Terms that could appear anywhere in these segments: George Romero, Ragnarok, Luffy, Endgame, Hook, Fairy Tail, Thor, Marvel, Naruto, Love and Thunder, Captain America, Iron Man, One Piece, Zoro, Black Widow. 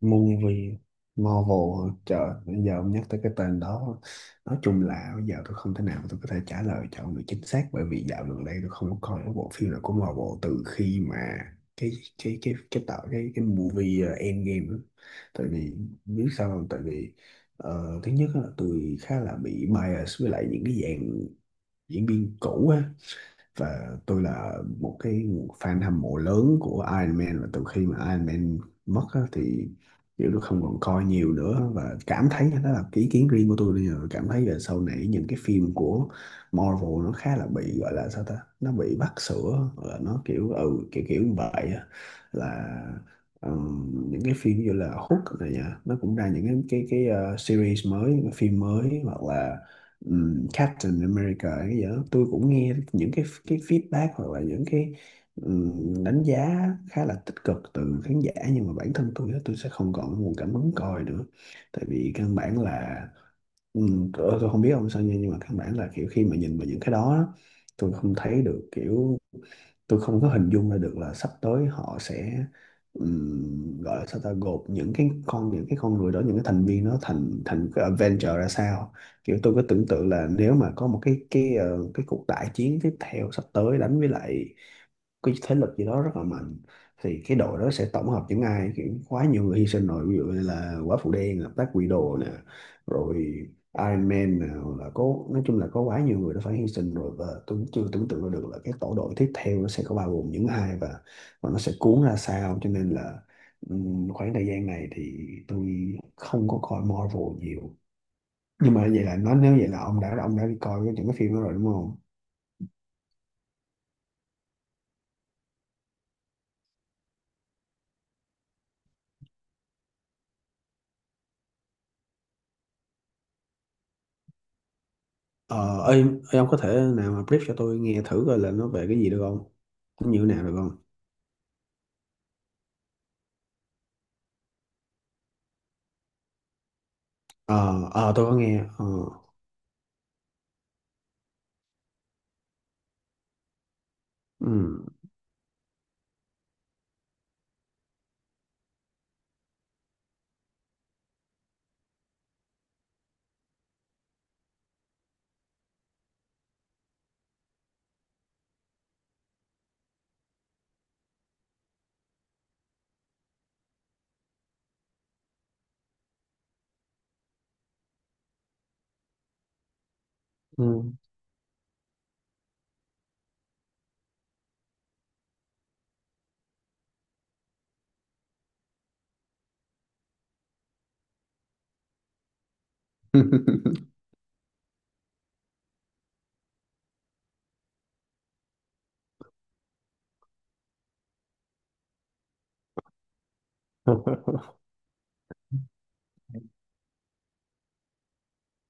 Movie Marvel, trời, bây giờ ông nhắc tới cái tên đó, nói chung là bây giờ tôi không thể nào tôi có thể trả lời cho ông được chính xác bởi vì dạo gần đây tôi không có coi cái bộ phim nào của Marvel từ khi mà cái cái tạo cái movie Endgame á. Tại vì biết sao không, thứ nhất á, là tôi khá là bị bias với lại những cái dạng diễn viên cũ á, và tôi là một cái fan hâm mộ lớn của Iron Man, và từ khi mà Iron Man mất á, thì kiểu tôi không còn coi nhiều nữa, và cảm thấy đó là cái ý kiến riêng của tôi. Bây giờ cảm thấy là sau này những cái phim của Marvel nó khá là bị gọi là sao ta, nó bị vắt sữa, là nó kiểu ừ kiểu kiểu như vậy á. Là những cái phim như là Hook này nha, nó cũng ra những cái series mới, những cái phim mới, hoặc là Captain America hay cái gì đó, tôi cũng nghe những cái feedback hoặc là những cái đánh giá khá là tích cực từ khán giả, nhưng mà bản thân tôi á, tôi sẽ không còn nguồn cảm hứng coi nữa. Tại vì căn bản là, ừ, tôi không biết ông sao nha, nhưng mà căn bản là kiểu khi mà nhìn vào những cái đó á, tôi không thấy được, kiểu tôi không có hình dung ra được là sắp tới họ sẽ gọi là sao ta, gộp những cái con người đó, những cái thành viên, nó thành thành cái adventure ra sao. Kiểu tôi có tưởng tượng là nếu mà có một cái cuộc đại chiến tiếp theo sắp tới đánh với lại cái thế lực gì đó rất là mạnh, thì cái đội đó sẽ tổng hợp những ai. Kiểu quá nhiều người hy sinh rồi, ví dụ như là quả phụ đen là Black Widow nè, rồi Iron Man nè, hoặc là có, nói chung là có quá nhiều người đã phải hy sinh rồi, và tôi chưa tưởng tượng ra được là cái tổ đội tiếp theo nó sẽ có bao gồm những ai, và nó sẽ cuốn ra sao, cho nên là khoảng thời gian này thì tôi không có coi Marvel nhiều. Nhưng mà vậy là ông đã đi coi những cái phim đó rồi đúng không? Ờ, Ơi, ơi, ông có thể nào mà brief cho tôi nghe thử coi là nó về cái gì được không? Nó như thế nào được không? Ờ, ờ, tôi có nghe. Ờ. Ừ, ừ.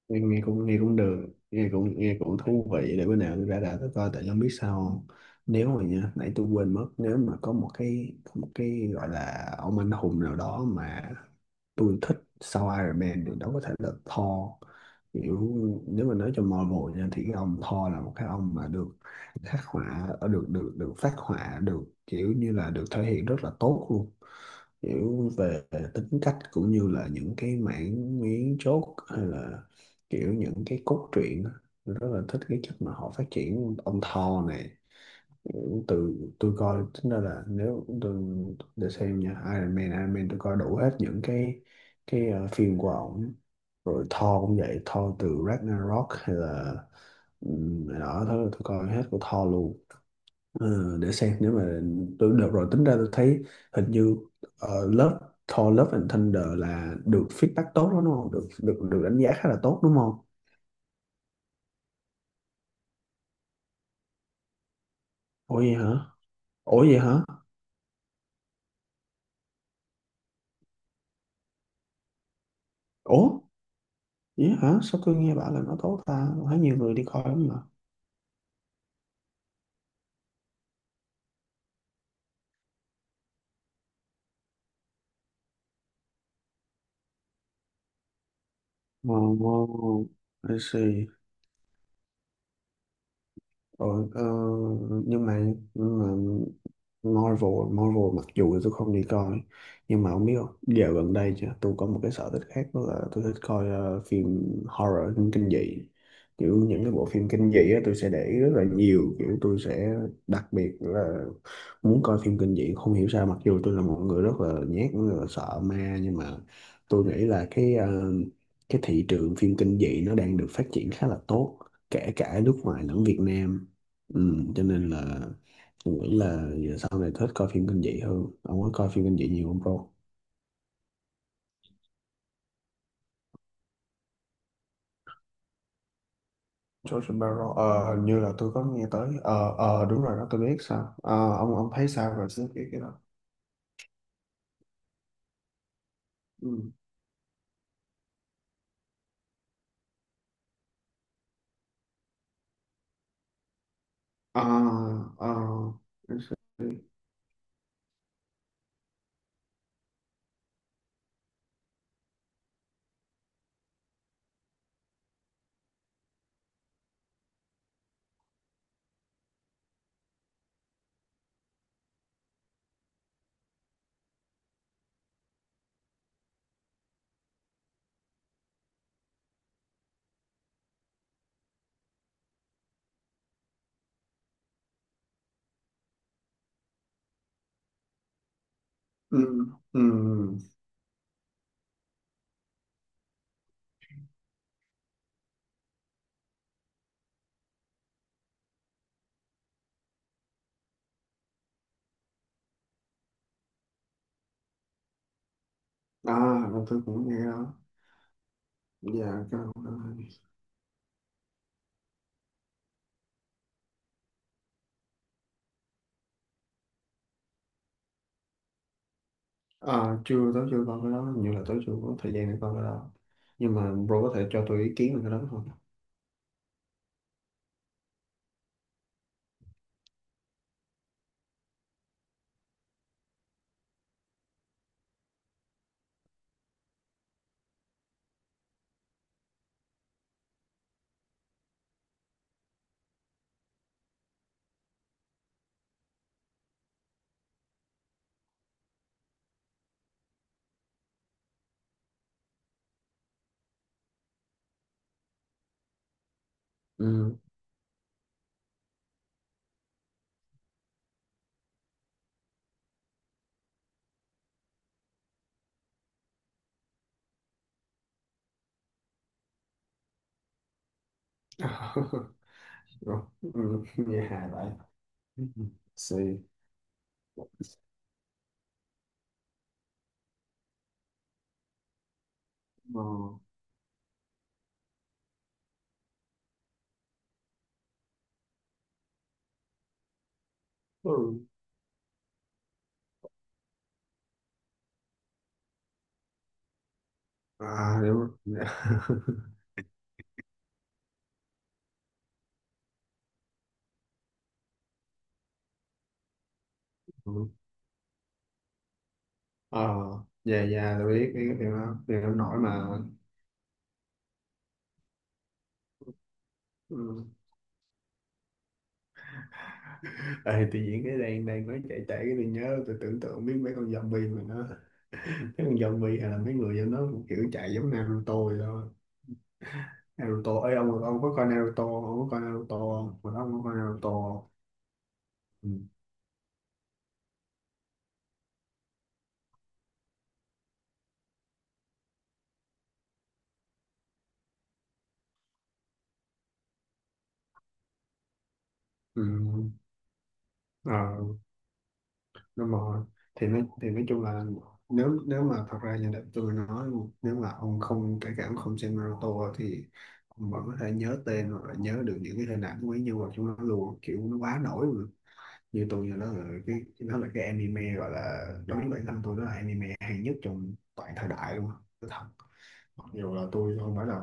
Nghe cũng, được, nghe cũng thú vị. Để bữa nào tôi ra đã tôi coi, tại không biết sao không? Nãy tôi quên mất, nếu mà có một cái gọi là ông anh hùng nào đó mà tôi thích sau Iron Man, thì đó có thể là Thor. Kiểu nếu mà nói cho Marvel nha, thì cái ông Thor là một cái ông mà được khắc họa ở, được được được phát họa được, kiểu như là được thể hiện rất là tốt luôn, kiểu về tính cách, cũng như là những cái mảng miếng chốt, hay là kiểu những cái cốt truyện á. Rất là thích cái cách mà họ phát triển ông Thor này. Từ tôi coi tính ra là nếu tôi để xem nha, Iron Man tôi coi đủ hết những cái phim của ổng. Rồi Thor cũng vậy, Thor từ Ragnarok, hay là đó thôi, tôi coi hết của Thor luôn. Để xem nếu mà tôi, được rồi, tính ra tôi thấy hình như uh, Love Thor Love and Thunder là được feedback tốt đó đúng không? Được được được đánh giá khá là tốt đúng không? Ủa, vậy hả? Ủa, vậy hả? Ủa, vậy hả? Sao tôi nghe bảo là nó tốt ta, tôi thấy nhiều người đi coi lắm. Oh, I see. Ờ, ờ, nhưng mà nhưng mà Marvel Marvel mặc dù là tôi không đi coi, nhưng mà không biết, không dạo gần đây chứ, tôi có một cái sở thích khác, đó là tôi thích coi phim horror, phim kinh dị. Kiểu những cái bộ phim kinh dị á, tôi sẽ để ý rất là nhiều, kiểu tôi sẽ đặc biệt là muốn coi phim kinh dị, không hiểu sao. Mặc dù tôi là một người rất là nhát, rất là sợ ma, nhưng mà tôi nghĩ là cái thị trường phim kinh dị nó đang được phát triển khá là tốt, kể cả nước ngoài lẫn Việt Nam. Ừ, cho nên là tôi nghĩ là giờ sau này thích coi phim kinh dị hơn. Ông có coi phim kinh dị nhiều không bro? George Romero, hình như là tôi có nghe tới. Ờ Đúng rồi đó, tôi biết sao. Ờ, ông thấy sao về cái đó? Ừ. À, à, let's see. Ừ. Ừ. À. Rồi tôi cũng nghe đó. Dạ, cái đó. À, chưa coi cái đó, hình như là chưa có thời gian để coi cái đó. Nhưng mà bro có thể cho tôi ý kiến về cái đó không? Ừ. Rồi. Ừ, Nghe hài vậy. C ờ, ừ. À, đúng rồi. Dạ. Ừ. Ờ. Dạ, dạ, tôi biết cái điều đó, điều đó nổi mà. Ừ. Ê, tự nhiên cái đang đang nói chạy chạy, cái tôi nhớ, tôi tưởng tượng biết mấy con zombie mà nó, mấy con zombie hay là mấy người giống nó cũng kiểu chạy giống Naruto vậy thôi. Naruto ấy, ông có coi Naruto, ông có coi Naruto không? Mà đó, ông có coi Naruto không? Ừ. Ừ. Ờ, đúng rồi. Thì nói chung là, nếu nếu mà thật ra như đợt tôi nói, nếu mà ông không kể cả ông không xem Naruto, thì ông vẫn có thể nhớ tên hoặc là nhớ được những cái hình ảnh của mấy nhân vật trong nó luôn, kiểu nó quá nổi luôn. Như nó là cái anime, gọi là, đối với bản thân tôi nó là anime hay nhất trong toàn thời đại luôn. Tôi thật, mặc dù là tôi không phải là...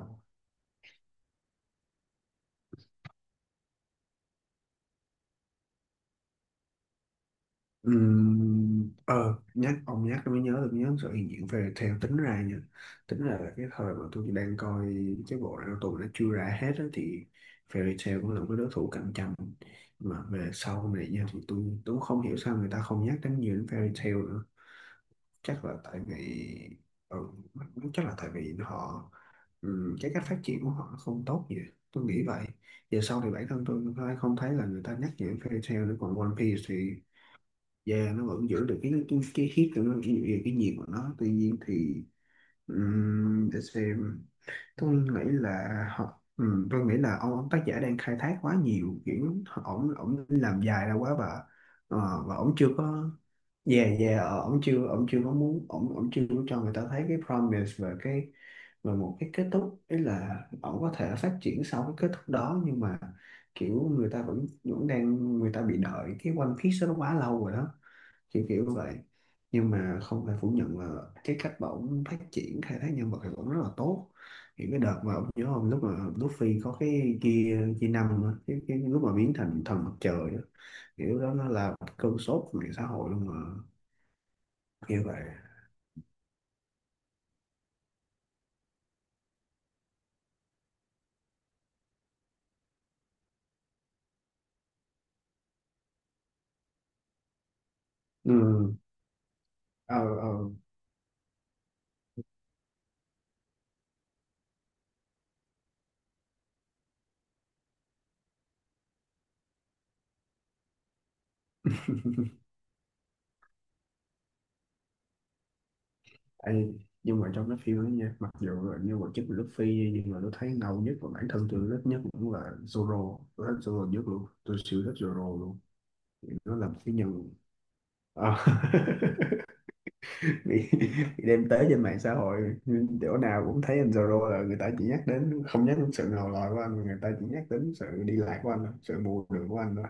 Nhắc tôi mới nhớ được, nhớ sự hiện diện về, theo tính ra nha, tính ra là cái thời mà tôi đang coi cái bộ Naruto, tụi nó chưa ra hết á, thì Fairy Tail cũng là một cái đối thủ cạnh tranh. Mà về sau này nha, thì tôi cũng không hiểu sao người ta không nhắc đến nhiều đến Fairy Tail nữa. Chắc là tại vì ừ, chắc là tại vì họ, cái cách phát triển của họ nó không tốt gì, tôi nghĩ vậy. Giờ sau thì bản thân tôi cũng không thấy là người ta nhắc nhiều đến Fairy Tail nữa. Còn One Piece thì da nó vẫn giữ được cái hit của nó, cái nhiệt của nó, tuy nhiên thì để xem. Tôi nghĩ là họ tôi nghĩ là ông tác giả đang khai thác quá nhiều kiểu. Ổng ổng làm dài ra quá, và và ổng chưa có... Dạ, dạ, ổng chưa có muốn, ổng ổng chưa có cho người ta thấy cái promise và cái, và một cái kết thúc, ấy là ổng có thể phát triển sau cái kết thúc đó. Nhưng mà kiểu người ta vẫn vẫn người ta bị đợi cái One Piece đó nó quá lâu rồi đó, kiểu kiểu vậy. Nhưng mà không thể phủ nhận là cái cách mà ổng phát triển khai thác nhân vật thì ổng rất là tốt. Những cái đợt mà ổng, nhớ không, lúc mà Luffy có cái kia kia năm á, cái lúc mà biến thành thần mặt trời á, kiểu đó nó là một cơn sốt của mạng xã hội luôn mà, kiểu vậy. Ừ. Ờ, ờ. Ê, nhưng mà trong cái phim đó nha, mặc dù là nhân vật chính là Luffy, nhưng mà tôi thấy ngầu nhất và bản thân tôi thích nhất cũng là Zoro. Tôi thích Zoro nhất luôn, tôi siêu thích Zoro luôn. Nó là một cái nhân... Ờ. Bị, bị đem tới trên mạng xã hội, nhưng chỗ nào cũng thấy anh Zoro là người ta chỉ nhắc đến, không nhắc đến sự ngầu lòi của anh, mà người ta chỉ nhắc đến sự đi lại của anh thôi, sự bù đường của anh thôi.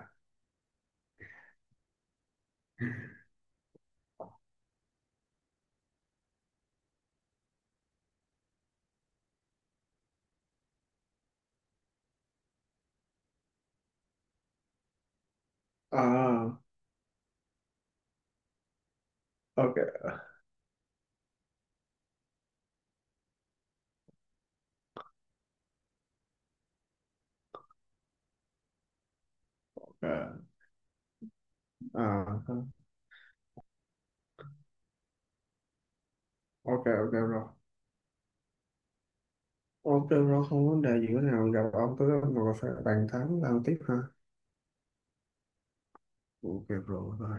À. Ok, ok. À, ok, ok rồi. Ok rồi, không vấn đề gì nữa. Nào gặp ông tới, ông ngồi phải bàn tán làm tiếp ha. Ok rồi.